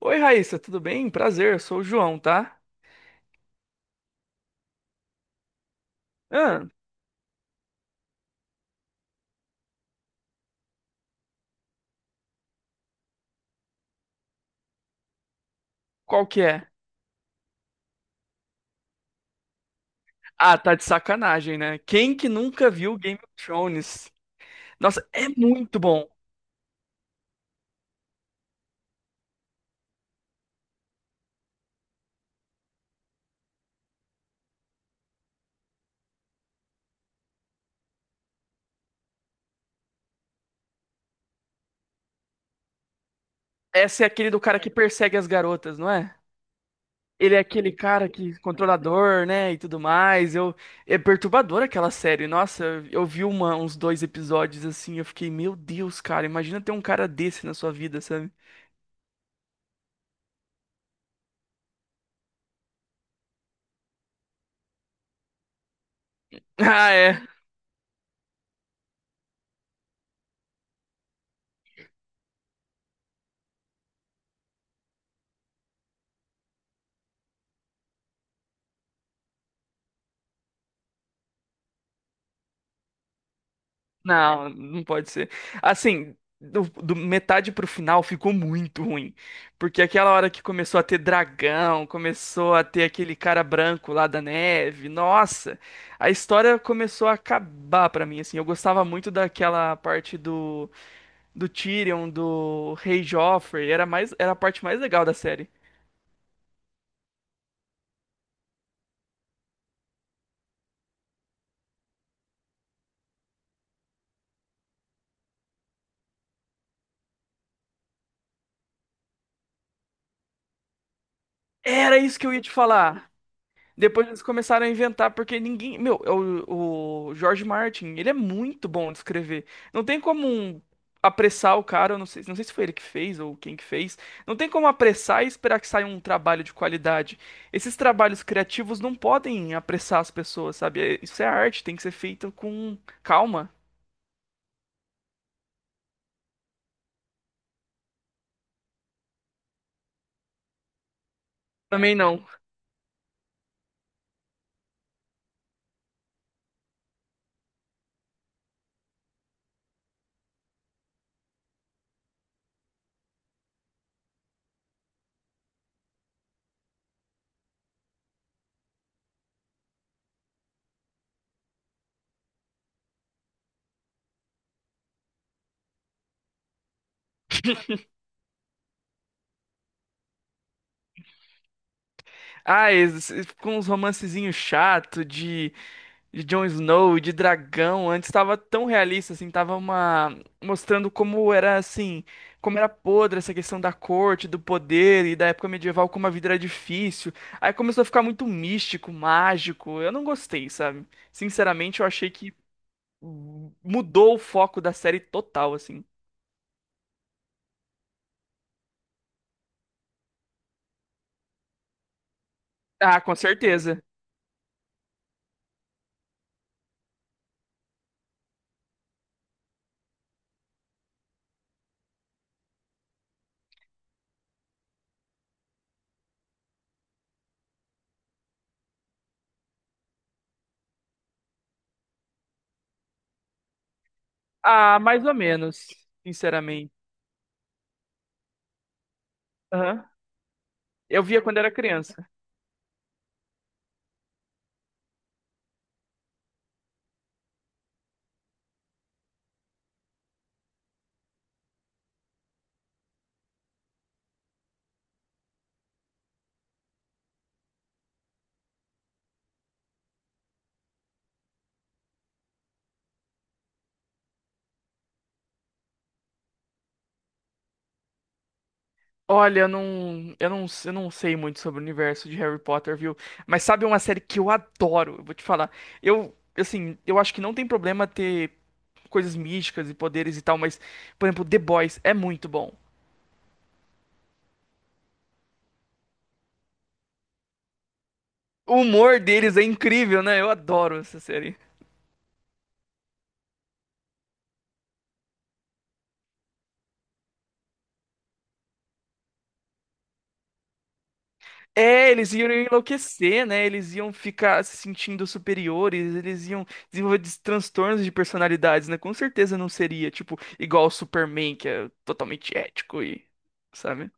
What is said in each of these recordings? Oi, Raíssa, tudo bem? Prazer, eu sou o João, tá? Ah, qual que é? Ah, tá de sacanagem, né? Quem que nunca viu Game of Thrones? Nossa, é muito bom. Essa é aquele do cara que persegue as garotas, não é? Ele é aquele cara que controlador, né, e tudo mais. Eu é perturbador aquela série. Nossa, eu vi uns dois episódios assim, eu fiquei, meu Deus, cara, imagina ter um cara desse na sua vida, sabe? Ah, é. Não, não pode ser. Assim, do metade pro final ficou muito ruim. Porque aquela hora que começou a ter dragão, começou a ter aquele cara branco lá da neve, nossa, a história começou a acabar pra mim, assim. Eu gostava muito daquela parte do Tyrion, do Rei Joffrey, era mais, era a parte mais legal da série. Era isso que eu ia te falar. Depois eles começaram a inventar, porque ninguém. Meu, é o George Martin, ele é muito bom de escrever. Não tem como um- Apressar o cara, eu não sei, não sei se foi ele que fez ou quem que fez. Não tem como apressar e esperar que saia um trabalho de qualidade. Esses trabalhos criativos não podem apressar as pessoas, sabe? Isso é arte, tem que ser feito com calma. Também não. Ah, esses- com uns romancezinhos chato de Jon Snow, de dragão, antes estava tão realista, assim, tava uma mostrando como era, assim, como era podre essa questão da corte, do poder e da época medieval, como a vida era difícil. Aí começou a ficar muito místico, mágico, eu não gostei, sabe? Sinceramente, eu achei que mudou o foco da série total, assim. Ah, com certeza. Ah, mais ou menos, sinceramente. Aham. Eu via quando era criança. Olha, eu não sei muito sobre o universo de Harry Potter, viu? Mas sabe uma série que eu adoro? Eu vou te falar. Eu, assim, eu acho que não tem problema ter coisas místicas e poderes e tal, mas, por exemplo, The Boys é muito bom. O humor deles é incrível, né? Eu adoro essa série. É, eles iam enlouquecer, né? Eles iam ficar se sentindo superiores, eles iam desenvolver transtornos de personalidades, né? Com certeza não seria, tipo, igual o Superman, que é totalmente ético e, sabe?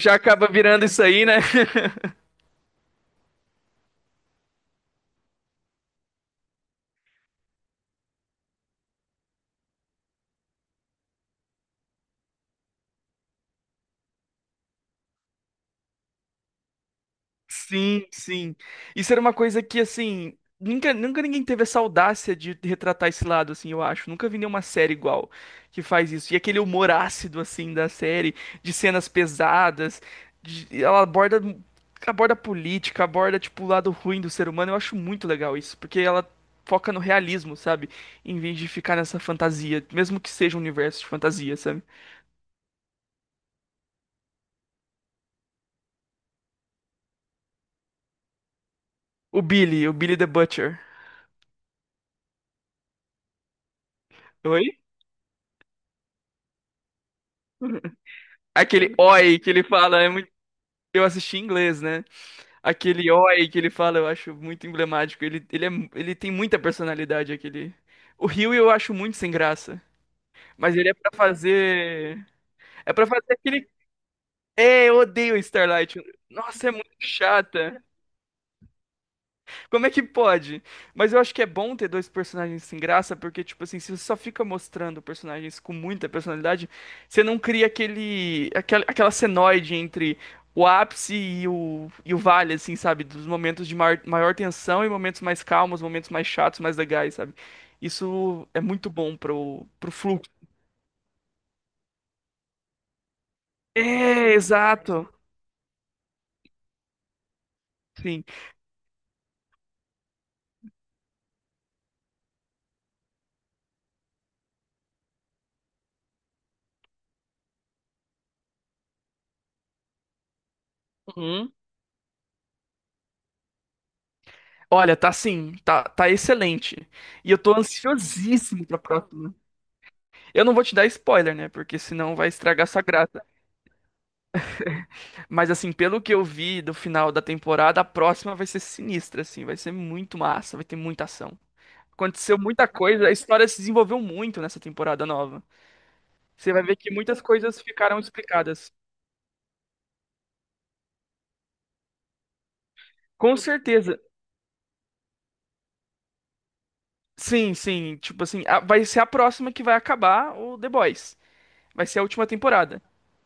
Já acaba virando isso aí, né? Sim, sim. Isso era uma coisa que, assim, nunca ninguém teve essa audácia de retratar esse lado, assim, eu acho. Nunca vi nenhuma série igual que faz isso. E aquele humor ácido, assim, da série, de cenas pesadas, ela aborda, aborda política, aborda, tipo, o lado ruim do ser humano. Eu acho muito legal isso, porque ela foca no realismo, sabe? Em vez de ficar nessa fantasia, mesmo que seja um universo de fantasia, sabe? O Billy the Butcher. Aquele oi que ele fala, é muito, eu assisti em inglês, né? Aquele oi que ele fala, eu acho muito emblemático. Ele... ele tem muita personalidade, aquele. O Rio eu acho muito sem graça. Mas ele é pra fazer. É pra fazer aquele. É, eu odeio Starlight. Nossa, é muito chata. Como é que pode? Mas eu acho que é bom ter dois personagens sem graça, porque, tipo assim, se você só fica mostrando personagens com muita personalidade, você não cria aquela senoide entre o ápice e e o vale, assim, sabe? Dos momentos de maior tensão e momentos mais calmos, momentos mais chatos, mais legais, sabe? Isso é muito bom pro fluxo. É, exato. Sim. Uhum. Olha, tá sim, tá excelente. E eu tô ansiosíssimo pra próxima. Eu não vou te dar spoiler, né? Porque senão vai estragar sua graça. Mas assim, pelo que eu vi do final da temporada, a próxima vai ser sinistra, assim, vai ser muito massa, vai ter muita ação. Aconteceu muita coisa, a história se desenvolveu muito nessa temporada nova. Você vai ver que muitas coisas ficaram explicadas. Com certeza. Sim, sim, tipo assim, vai ser a próxima que vai acabar o The Boys. Vai ser a última temporada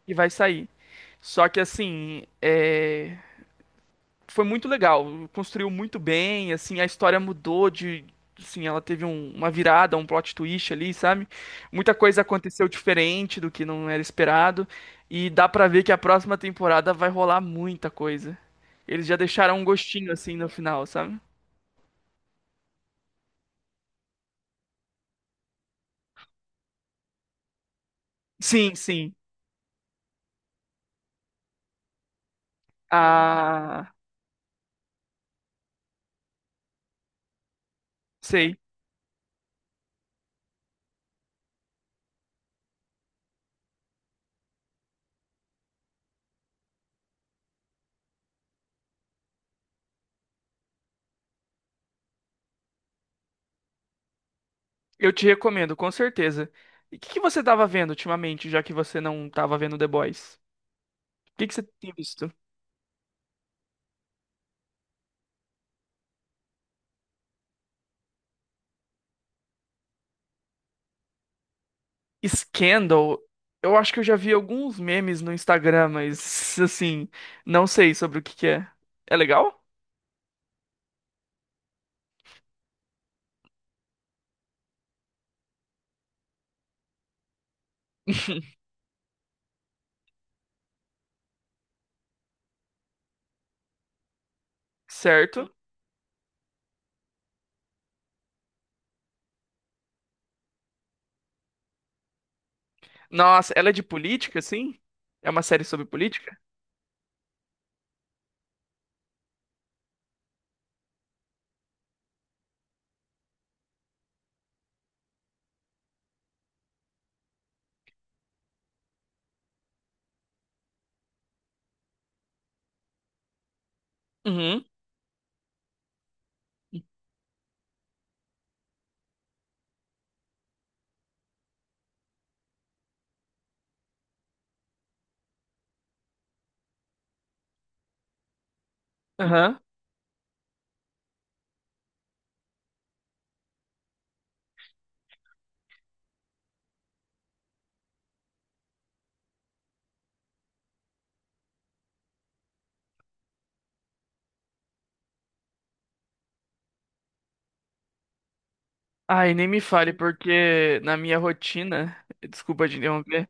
que vai sair. Só que assim, é... foi muito legal, construiu muito bem, assim, a história mudou de, assim, ela teve uma virada, um plot twist ali, sabe? Muita coisa aconteceu diferente do que não era esperado e dá pra ver que a próxima temporada vai rolar muita coisa. Eles já deixaram um gostinho assim no final, sabe? Sim, sim. Ah, sei. Eu te recomendo, com certeza. E o que que você tava vendo ultimamente, já que você não tava vendo The Boys? O que que você tem visto? Scandal, eu acho que eu já vi alguns memes no Instagram, mas assim, não sei sobre o que que é. É legal? Certo. Nossa, ela é de política, assim? É uma série sobre política? Uhum. Aham. Ai, nem me fale, porque na minha rotina, desculpa de interromper,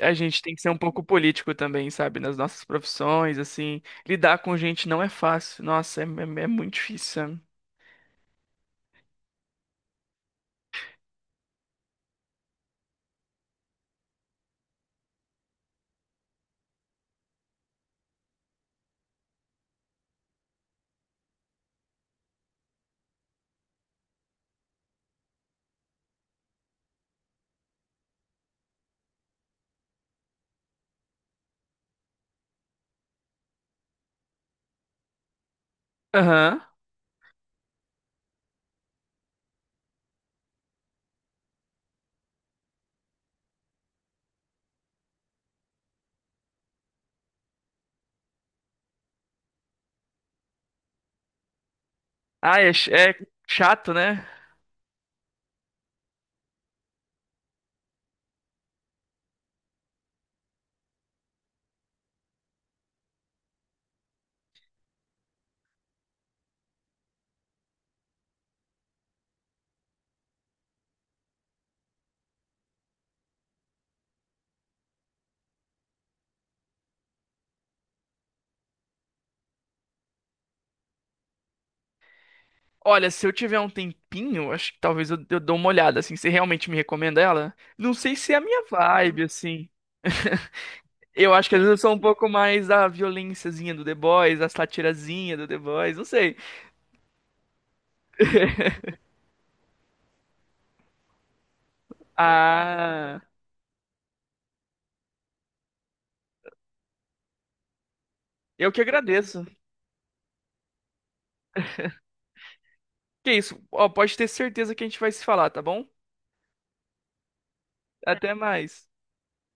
a gente tem que ser um pouco político também, sabe? Nas nossas profissões, assim. Lidar com gente não é fácil. Nossa, é muito difícil, sabe? Aham. Ah, é, é chato, né? Olha, se eu tiver um tempinho, acho que talvez eu dou uma olhada, assim. Você realmente me recomenda ela? Não sei se é a minha vibe, assim. Eu acho que às vezes eu sou um pouco mais da violênciazinha do The Boys, a satirazinha do The Boys, não sei. Ah, eu que agradeço. Que isso? Ó, pode ter certeza que a gente vai se falar, tá bom? Até mais.